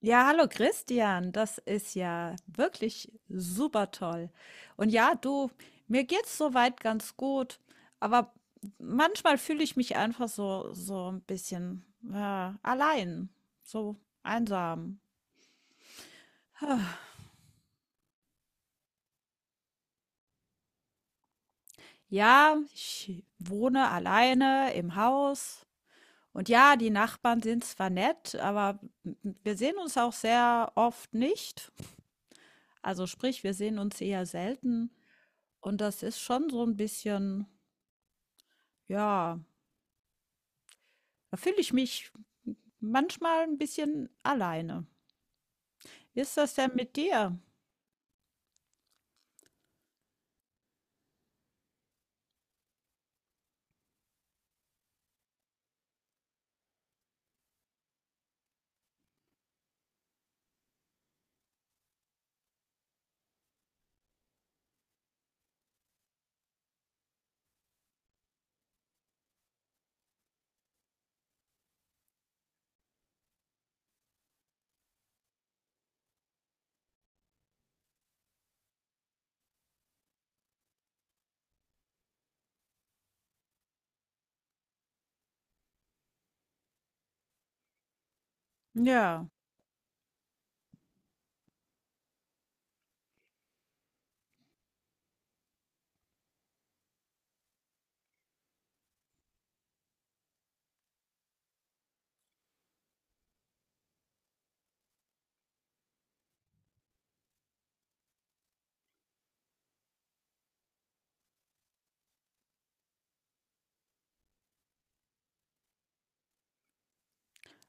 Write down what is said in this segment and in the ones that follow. Ja, hallo Christian, das ist ja wirklich super toll. Und ja, du, mir geht's soweit ganz gut, aber manchmal fühle ich mich einfach so ein bisschen ja, allein, so einsam. Ja, ich wohne alleine im Haus und ja, die Nachbarn sind zwar nett, aber wir sehen uns auch sehr oft nicht. Also sprich, wir sehen uns eher selten und das ist schon so ein bisschen. Ja, da fühle ich mich manchmal ein bisschen alleine. Wie ist das denn mit dir? Ja.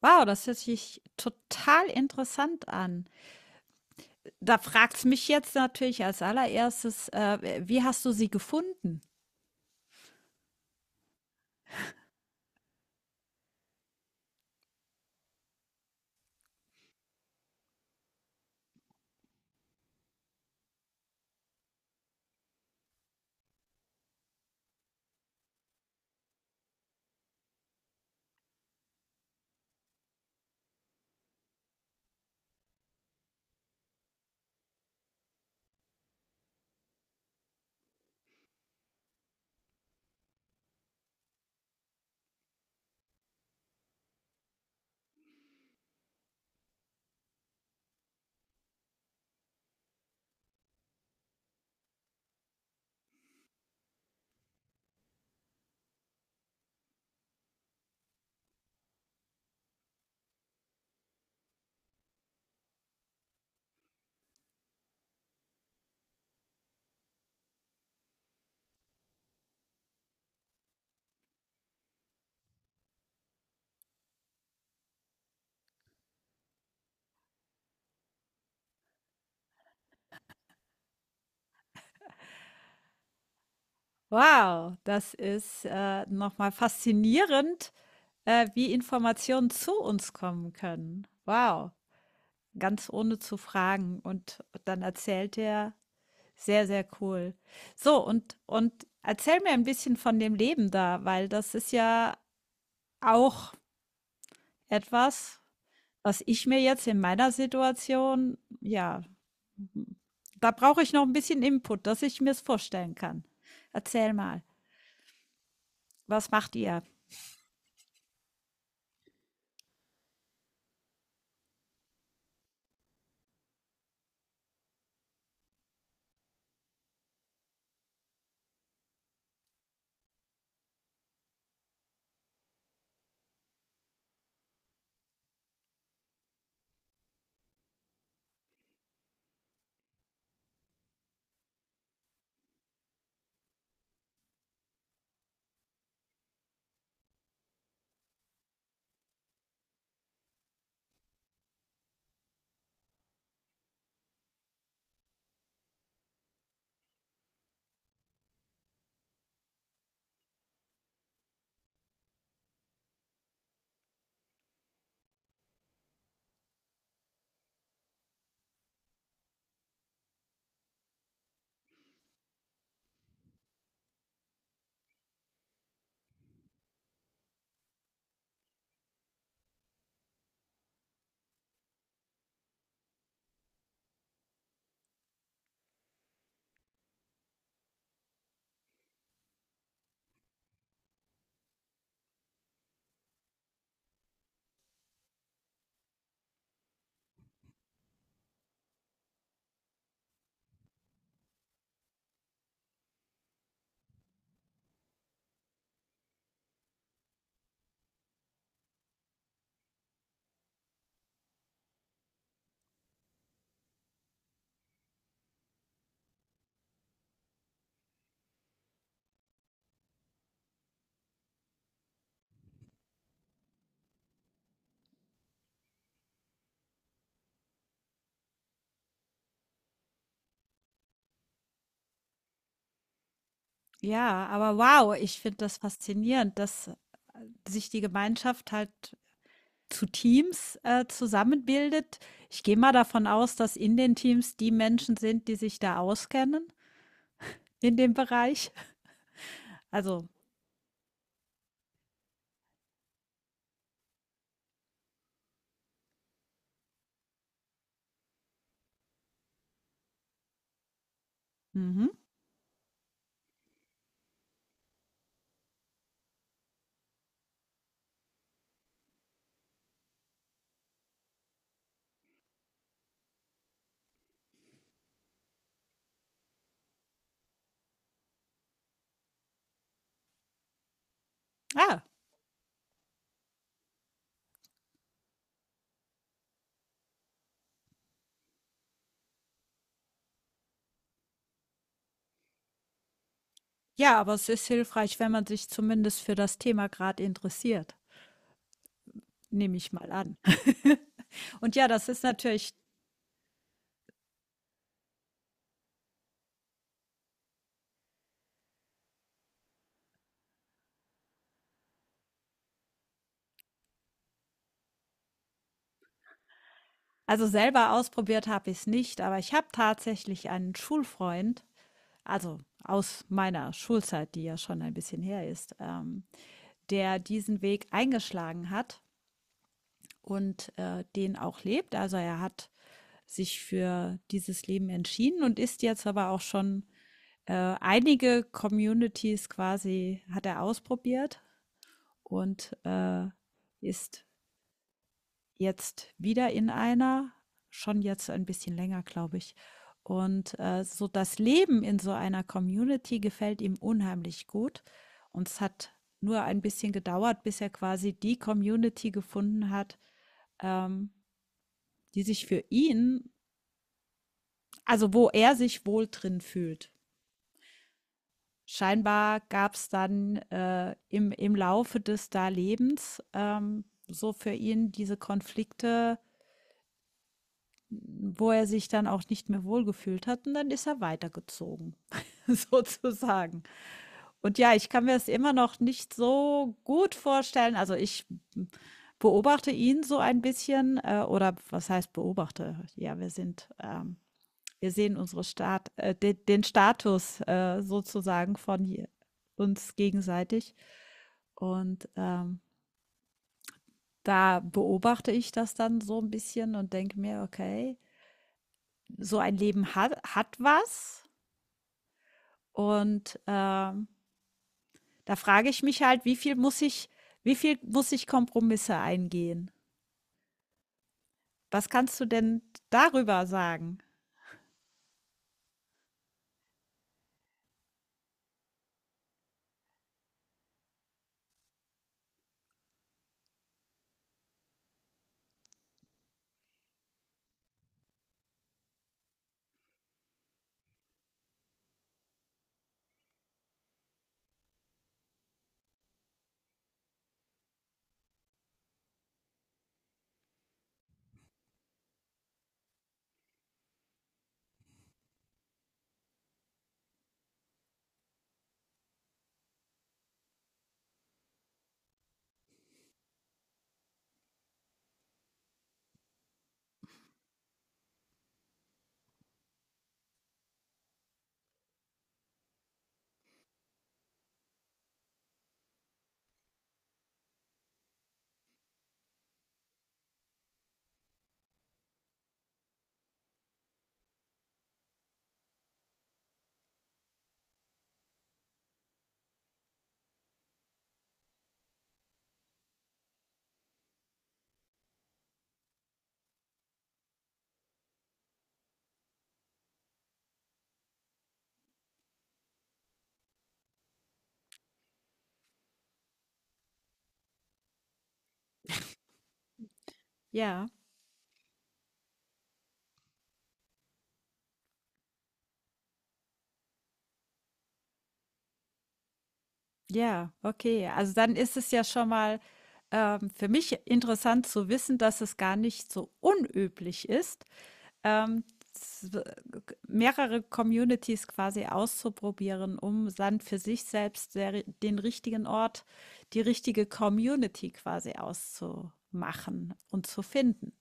Wow, das hört sich total interessant an. Da fragt's mich jetzt natürlich als Allererstes, wie hast du sie gefunden? Wow, das ist, noch faszinierend, wie Informationen zu uns kommen können. Wow, ganz ohne zu fragen und dann erzählt er. Sehr, sehr cool. So, und erzähl mir ein bisschen von dem Leben da, weil das ist ja auch etwas, was ich mir jetzt in meiner Situation, ja, da brauche ich noch ein bisschen Input, dass ich mir es vorstellen kann. Erzähl mal, was macht ihr? Ja, aber wow, ich finde das faszinierend, dass sich die Gemeinschaft halt zu Teams zusammenbildet. Ich gehe mal davon aus, dass in den Teams die Menschen sind, die sich da auskennen in dem Bereich. Also, mhm. Ah, ja, aber es ist hilfreich, wenn man sich zumindest für das Thema gerade interessiert, nehme ich mal an. Und ja, das ist natürlich. Also selber ausprobiert habe ich es nicht, aber ich habe tatsächlich einen Schulfreund, also aus meiner Schulzeit, die ja schon ein bisschen her ist, der diesen Weg eingeschlagen hat und den auch lebt. Also er hat sich für dieses Leben entschieden und ist jetzt aber auch schon einige Communities quasi hat er ausprobiert und ist jetzt wieder in einer, schon jetzt ein bisschen länger, glaube ich. Und so das Leben in so einer Community gefällt ihm unheimlich gut. Und es hat nur ein bisschen gedauert, bis er quasi die Community gefunden hat, ähm, die sich für ihn, also wo er sich wohl drin fühlt. Scheinbar gab es dann im Laufe des da Lebens, so für ihn diese Konflikte, wo er sich dann auch nicht mehr wohlgefühlt hat und dann ist er weitergezogen, sozusagen. Und ja, ich kann mir das immer noch nicht so gut vorstellen. Also, ich beobachte ihn so ein bisschen, oder was heißt beobachte? Ja, Wir sehen unsere Stat de den Status sozusagen von uns gegenseitig. Und da beobachte ich das dann so ein bisschen und denke mir, okay, so ein Leben hat was. Und da frage ich mich halt, wie viel muss ich Kompromisse eingehen? Was kannst du denn darüber sagen? Ja. Ja, okay. Also dann ist es ja schon mal für mich interessant zu wissen, dass es gar nicht so unüblich ist, ähm, s- mehrere Communities quasi auszuprobieren, um dann für sich selbst den richtigen Ort, die richtige Community quasi auszumachen und zu finden.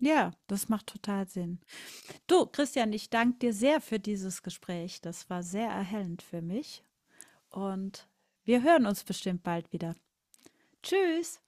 Ja, das macht total Sinn. Du, Christian, ich danke dir sehr für dieses Gespräch. Das war sehr erhellend für mich. Und wir hören uns bestimmt bald wieder. Tschüss!